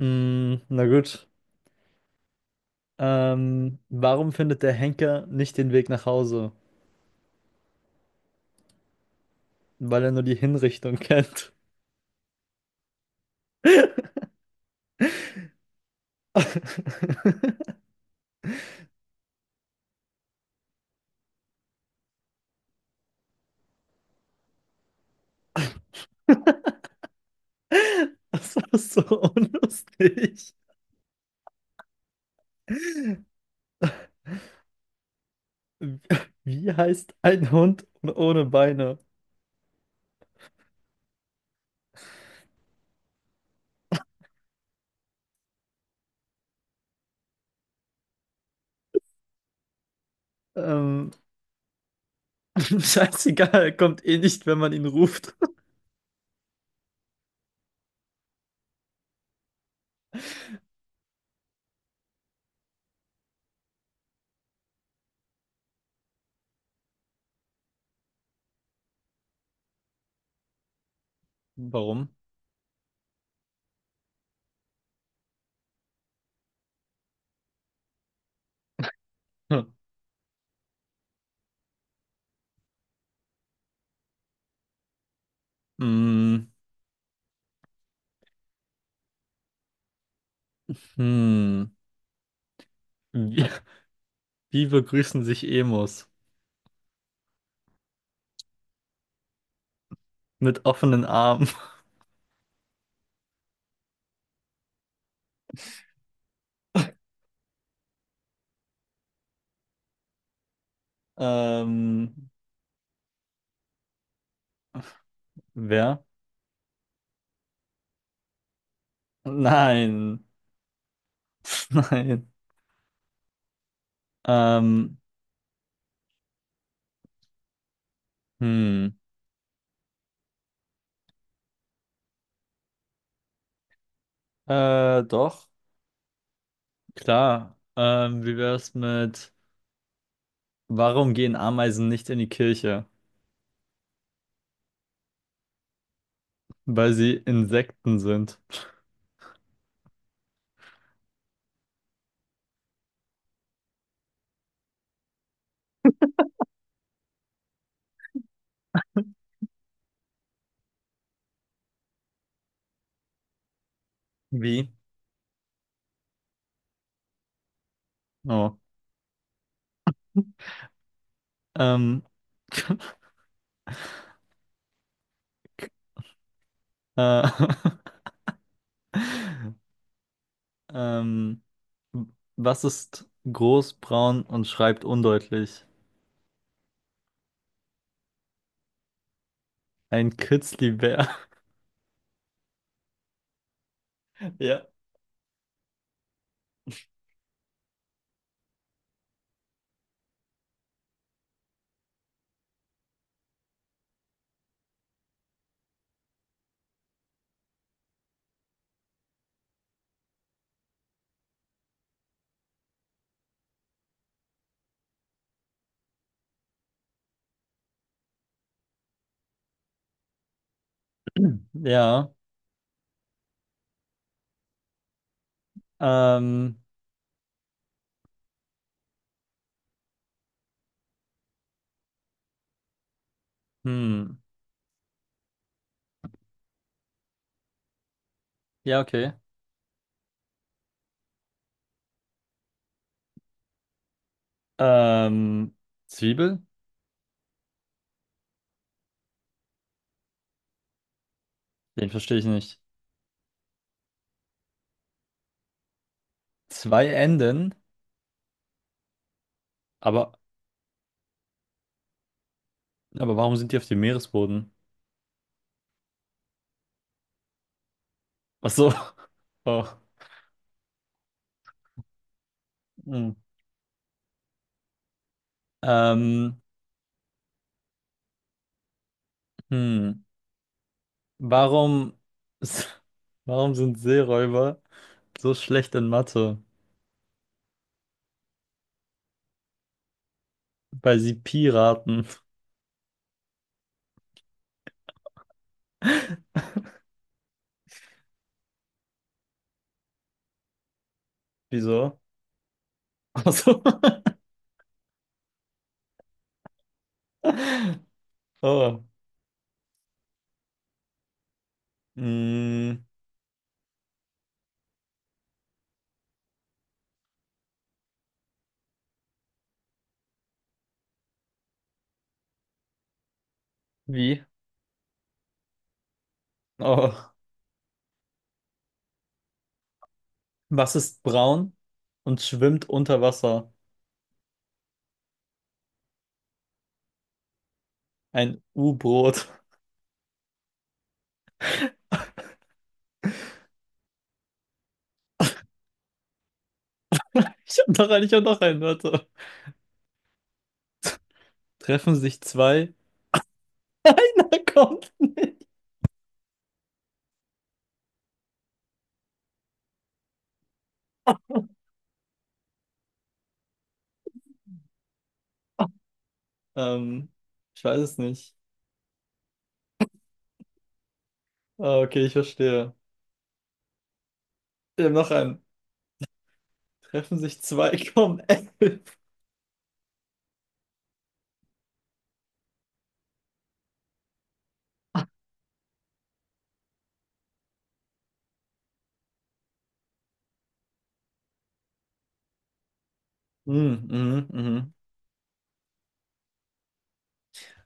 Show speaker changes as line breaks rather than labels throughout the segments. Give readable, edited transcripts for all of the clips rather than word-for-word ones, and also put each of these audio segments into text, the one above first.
Mm, na gut. Warum findet der Henker nicht den Weg nach Hause? Weil er nur die Hinrichtung kennt. Das war so unlustig. Wie heißt ein Hund ohne Beine? Ähm, scheißegal, er kommt eh nicht, wenn man ihn ruft. Warum? Hm. Mm, hm. Wie, wie begrüßen sich Emos? Mit offenen Armen. Ähm, wer? Nein, nein. Ähm, hm, Doch, klar. Wie wär's mit, warum gehen Ameisen nicht in die Kirche? Weil sie Insekten sind. Wie? Oh. Ähm, äh, ähm, was ist groß, braun und schreibt undeutlich? Ein Kitzlibär. Ja. Ja. Ähm, hm. Ja, okay. Ähm, Zwiebel? Den verstehe ich nicht. Zwei Enden? Aber, aber warum sind die auf dem Meeresboden? Ach so. Oh. Hm. Ähm, hm. Warum, warum sind Seeräuber so schlecht in Mathe? Weil sie Piraten. Wieso? Ach so. Oh. Hm. Wie? Oh. Was ist braun und schwimmt unter Wasser? Ein U-Boot. Ich hab noch einen, warte. Treffen sich zwei kommt. Ähm, ich weiß es nicht. Ah, okay, ich verstehe. Ich habe noch einen. Treffen sich zwei, kommen elf. Mhm, mhm, mhm.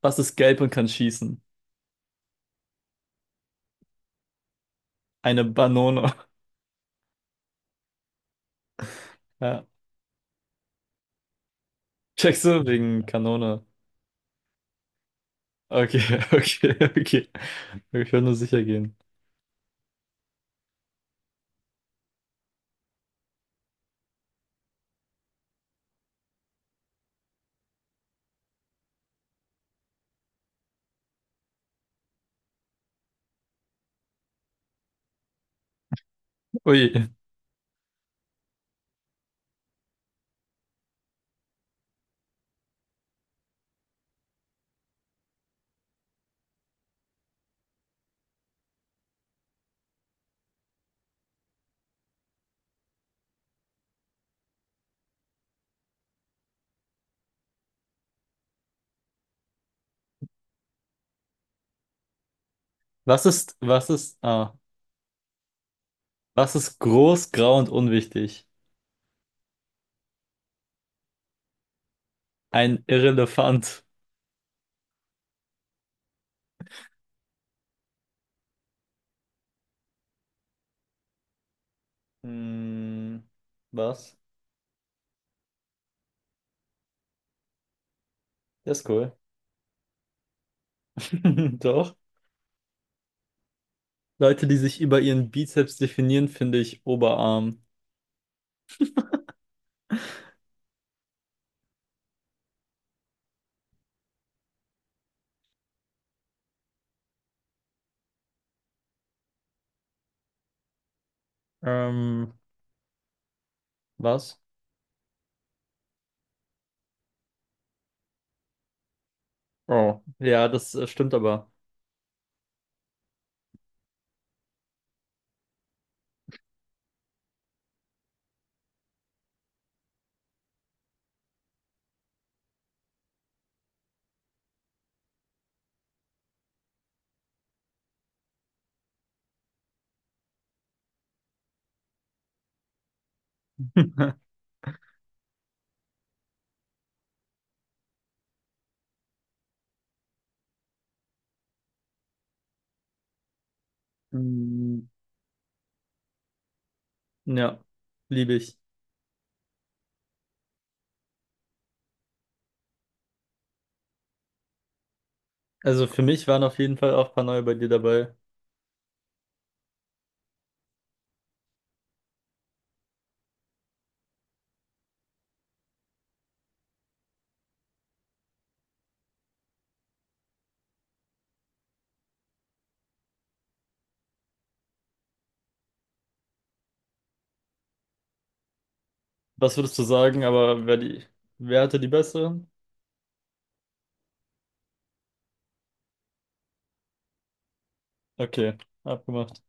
Was ist gelb und kann schießen? Eine Banone. Ja. Checkst du wegen Kanone? Okay, okay, okay. Ich will nur sicher gehen. Ui. Was ist, was ist, ah, was ist groß, grau und unwichtig? Ein Irrelefant. Hm, was? Der ist cool. Doch. Leute, die sich über ihren Bizeps definieren, finde ich Oberarm. Ähm, was? Oh, ja, das stimmt aber. Mm, ja, liebe ich. Also für mich waren auf jeden Fall auch ein paar neue bei dir dabei. Was würdest du sagen, aber wer hatte die besseren? Okay, abgemacht.